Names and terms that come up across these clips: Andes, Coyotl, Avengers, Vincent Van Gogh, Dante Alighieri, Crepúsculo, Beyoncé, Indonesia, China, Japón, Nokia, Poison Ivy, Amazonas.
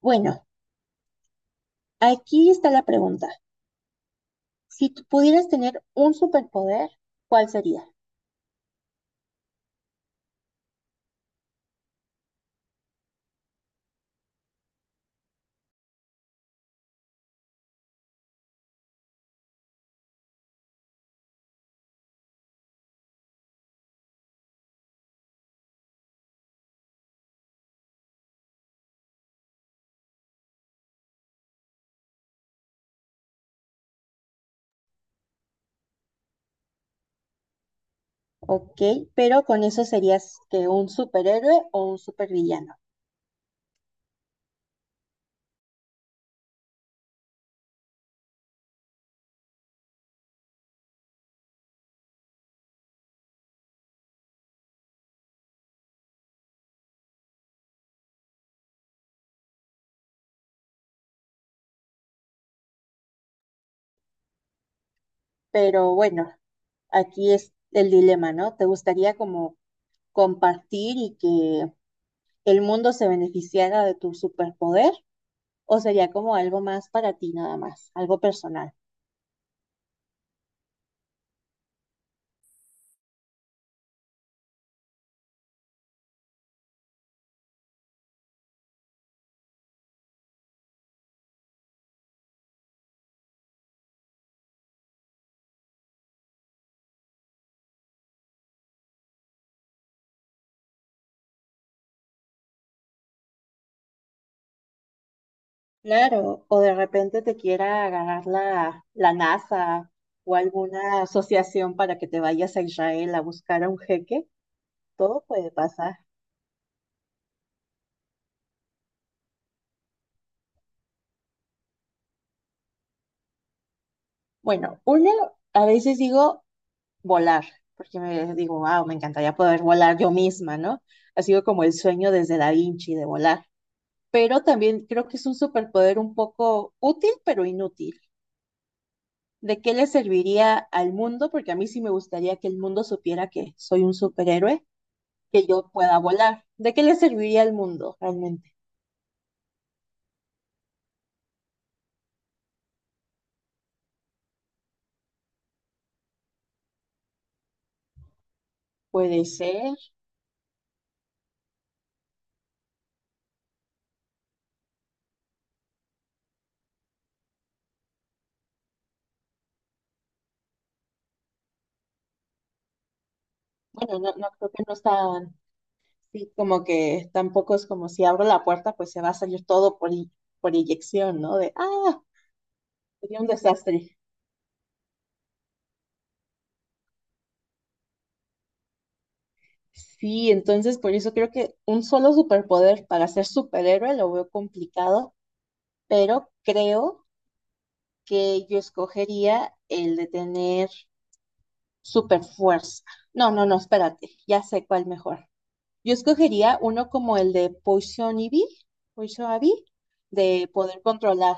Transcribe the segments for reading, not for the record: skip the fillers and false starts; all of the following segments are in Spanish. Bueno, aquí está la pregunta. Si tú pudieras tener un superpoder, ¿cuál sería? Ok, pero con eso serías que un superhéroe o un supervillano. Pero bueno, aquí es el dilema, ¿no? ¿Te gustaría como compartir y que el mundo se beneficiara de tu superpoder? ¿O sería como algo más para ti nada más, algo personal? Claro, o de repente te quiera agarrar la NASA o alguna asociación para que te vayas a Israel a buscar a un jeque, todo puede pasar. Bueno, uno, a veces digo volar, porque me digo, wow, me encantaría poder volar yo misma, ¿no? Ha sido como el sueño desde Da Vinci de volar, pero también creo que es un superpoder un poco útil, pero inútil. ¿De qué le serviría al mundo? Porque a mí sí me gustaría que el mundo supiera que soy un superhéroe que yo pueda volar. ¿De qué le serviría al mundo realmente? Puede ser. Bueno, no, no creo que no están, sí, como que tampoco es como si abro la puerta, pues se va a salir todo por inyección, ¿no? Sería un desastre. Sí, entonces por eso creo que un solo superpoder para ser superhéroe lo veo complicado, pero creo que yo escogería el de tener super fuerza. No, no, no, espérate, ya sé cuál mejor. Yo escogería uno como el de Poison Ivy, Poison Ivy, de poder controlar,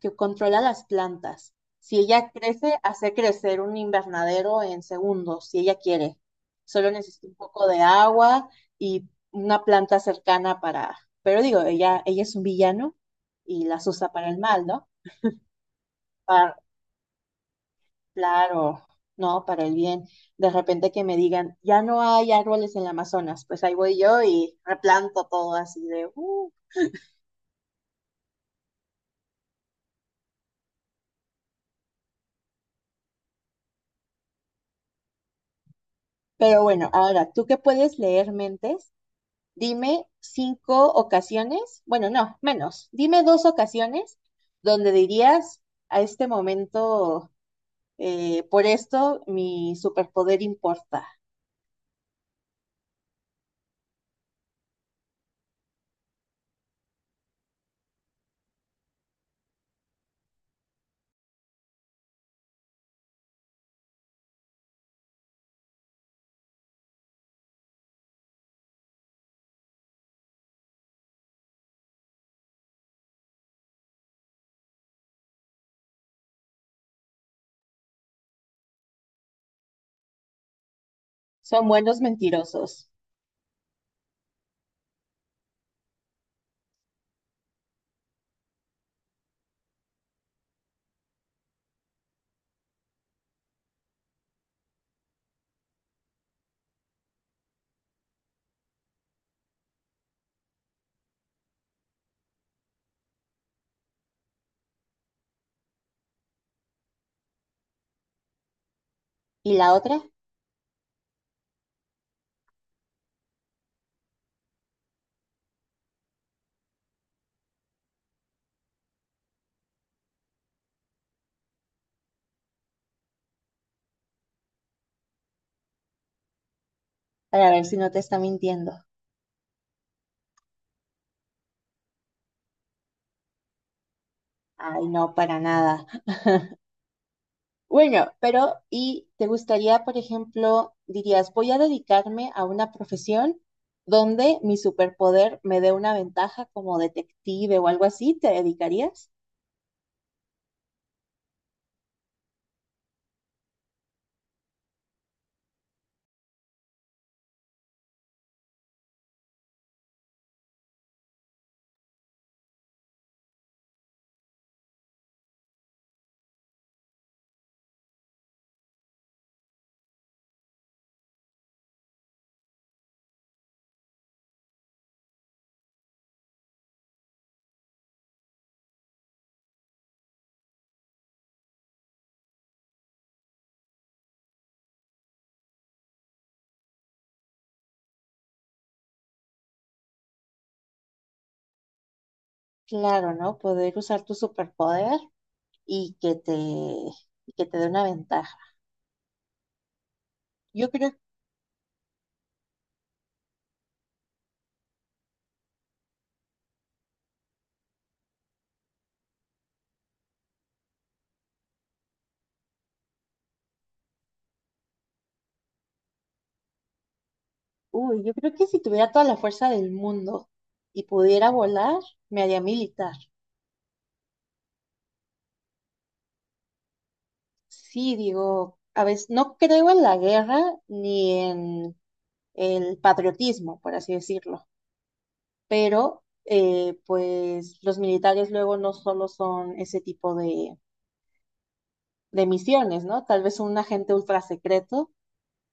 que controla las plantas. Si ella crece, hace crecer un invernadero en segundos, si ella quiere. Solo necesita un poco de agua y una planta cercana para, pero digo, ella es un villano y las usa para el mal, ¿no? Para, claro, no, para el bien. De repente que me digan, ya no hay árboles en el Amazonas, pues ahí voy yo y replanto todo así de, pero bueno, ahora tú que puedes leer mentes, dime cinco ocasiones, bueno, no, menos, dime dos ocasiones donde dirías a este momento, por esto mi superpoder importa. Son buenos mentirosos. ¿Y la otra? Para ver si no te está mintiendo. Ay, no, para nada. Bueno, pero ¿y te gustaría, por ejemplo, dirías, voy a dedicarme a una profesión donde mi superpoder me dé una ventaja como detective o algo así? ¿Te dedicarías? Claro, ¿no? Poder usar tu superpoder y que te dé una ventaja. Yo creo, Uy, yo creo que si tuviera toda la fuerza del mundo y pudiera volar, me haría militar. Sí, digo, a veces no creo en la guerra ni en el patriotismo, por así decirlo. Pero pues los militares luego no solo son ese tipo de misiones, ¿no? Tal vez un agente ultra secreto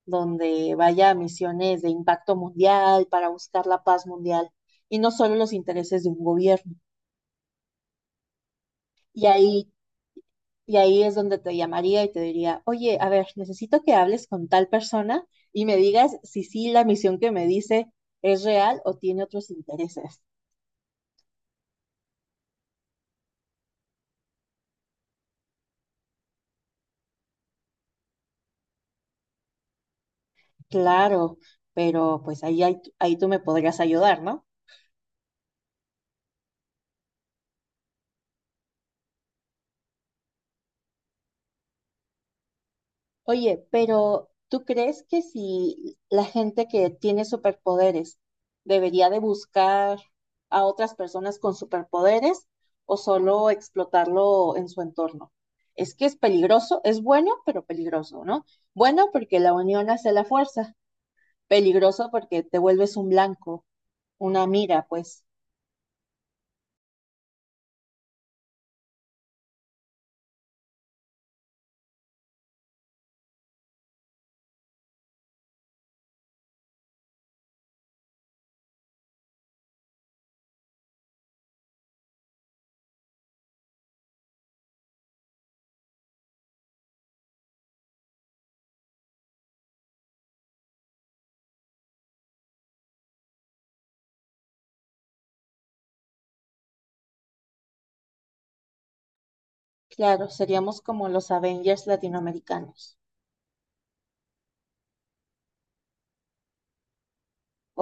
donde vaya a misiones de impacto mundial para buscar la paz mundial y no solo los intereses de un gobierno. Y ahí, y ahí es donde te llamaría y te diría, oye, a ver, necesito que hables con tal persona y me digas si sí la misión que me dice es real o tiene otros intereses. Claro, pero pues ahí tú me podrías ayudar, ¿no? Oye, pero ¿tú crees que si la gente que tiene superpoderes debería de buscar a otras personas con superpoderes o solo explotarlo en su entorno? Es que es peligroso, es bueno, pero peligroso, ¿no? Bueno porque la unión hace la fuerza, peligroso porque te vuelves un blanco, una mira, pues claro, seríamos como los Avengers latinoamericanos,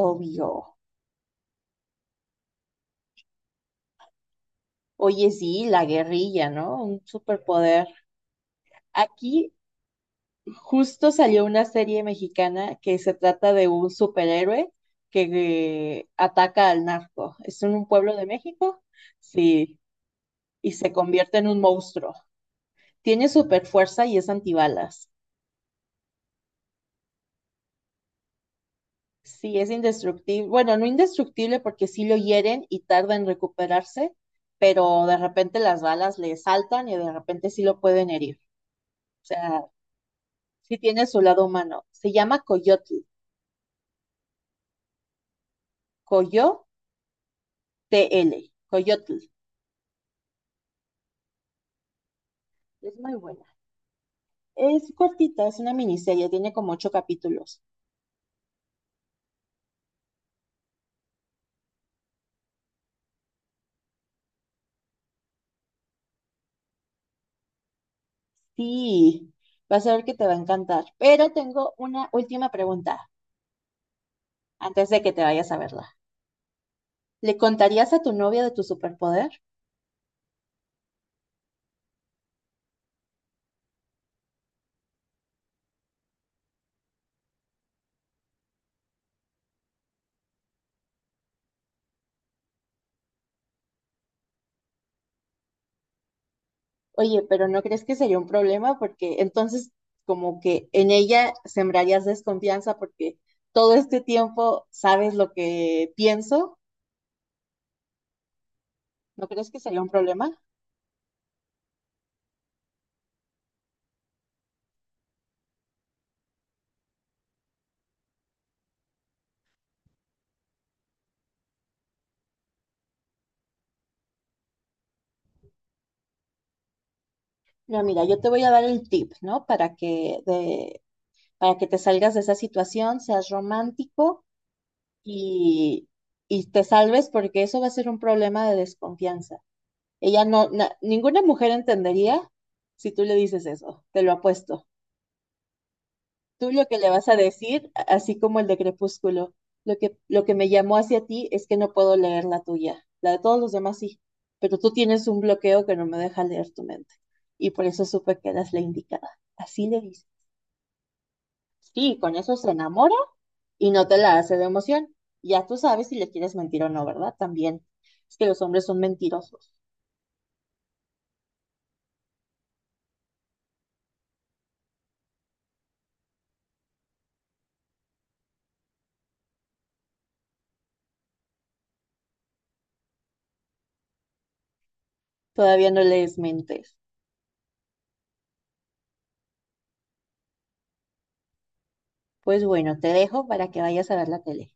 obvio. Oye, sí, la guerrilla, ¿no? Un superpoder. Aquí justo salió una serie mexicana que se trata de un superhéroe que ataca al narco. Es en un pueblo de México, sí, y se convierte en un monstruo. Tiene super fuerza y es antibalas. Sí, es indestructible. Bueno, no indestructible porque sí lo hieren y tarda en recuperarse, pero de repente las balas le saltan y de repente sí lo pueden herir. O sea, sí tiene su lado humano. Se llama Coyotl, Coyotl, Coyotl. Es muy buena. Es cortita, es una miniserie, tiene como ocho capítulos. Sí, vas a ver que te va a encantar. Pero tengo una última pregunta antes de que te vayas a verla. ¿Le contarías a tu novia de tu superpoder? Oye, pero ¿no crees que sería un problema? Porque entonces como que en ella sembrarías desconfianza porque todo este tiempo sabes lo que pienso. ¿No crees que sería un problema? Pero mira, yo te voy a dar el tip, ¿no? Para que, para que te salgas de esa situación, seas romántico y, y te salves, porque eso va a ser un problema de desconfianza. Ella no, ninguna mujer entendería si tú le dices eso, te lo apuesto. Tú lo que le vas a decir, así como el de Crepúsculo, lo que me llamó hacia ti es que no puedo leer la tuya, la de todos los demás sí, pero tú tienes un bloqueo que no me deja leer tu mente. Y por eso supe que eras la indicada. Así le dices. Sí, con eso se enamora y no te la hace de emoción. Ya tú sabes si le quieres mentir o no, ¿verdad? También. Es que los hombres son mentirosos. Todavía no les mentes. Pues bueno, te dejo para que vayas a ver la tele.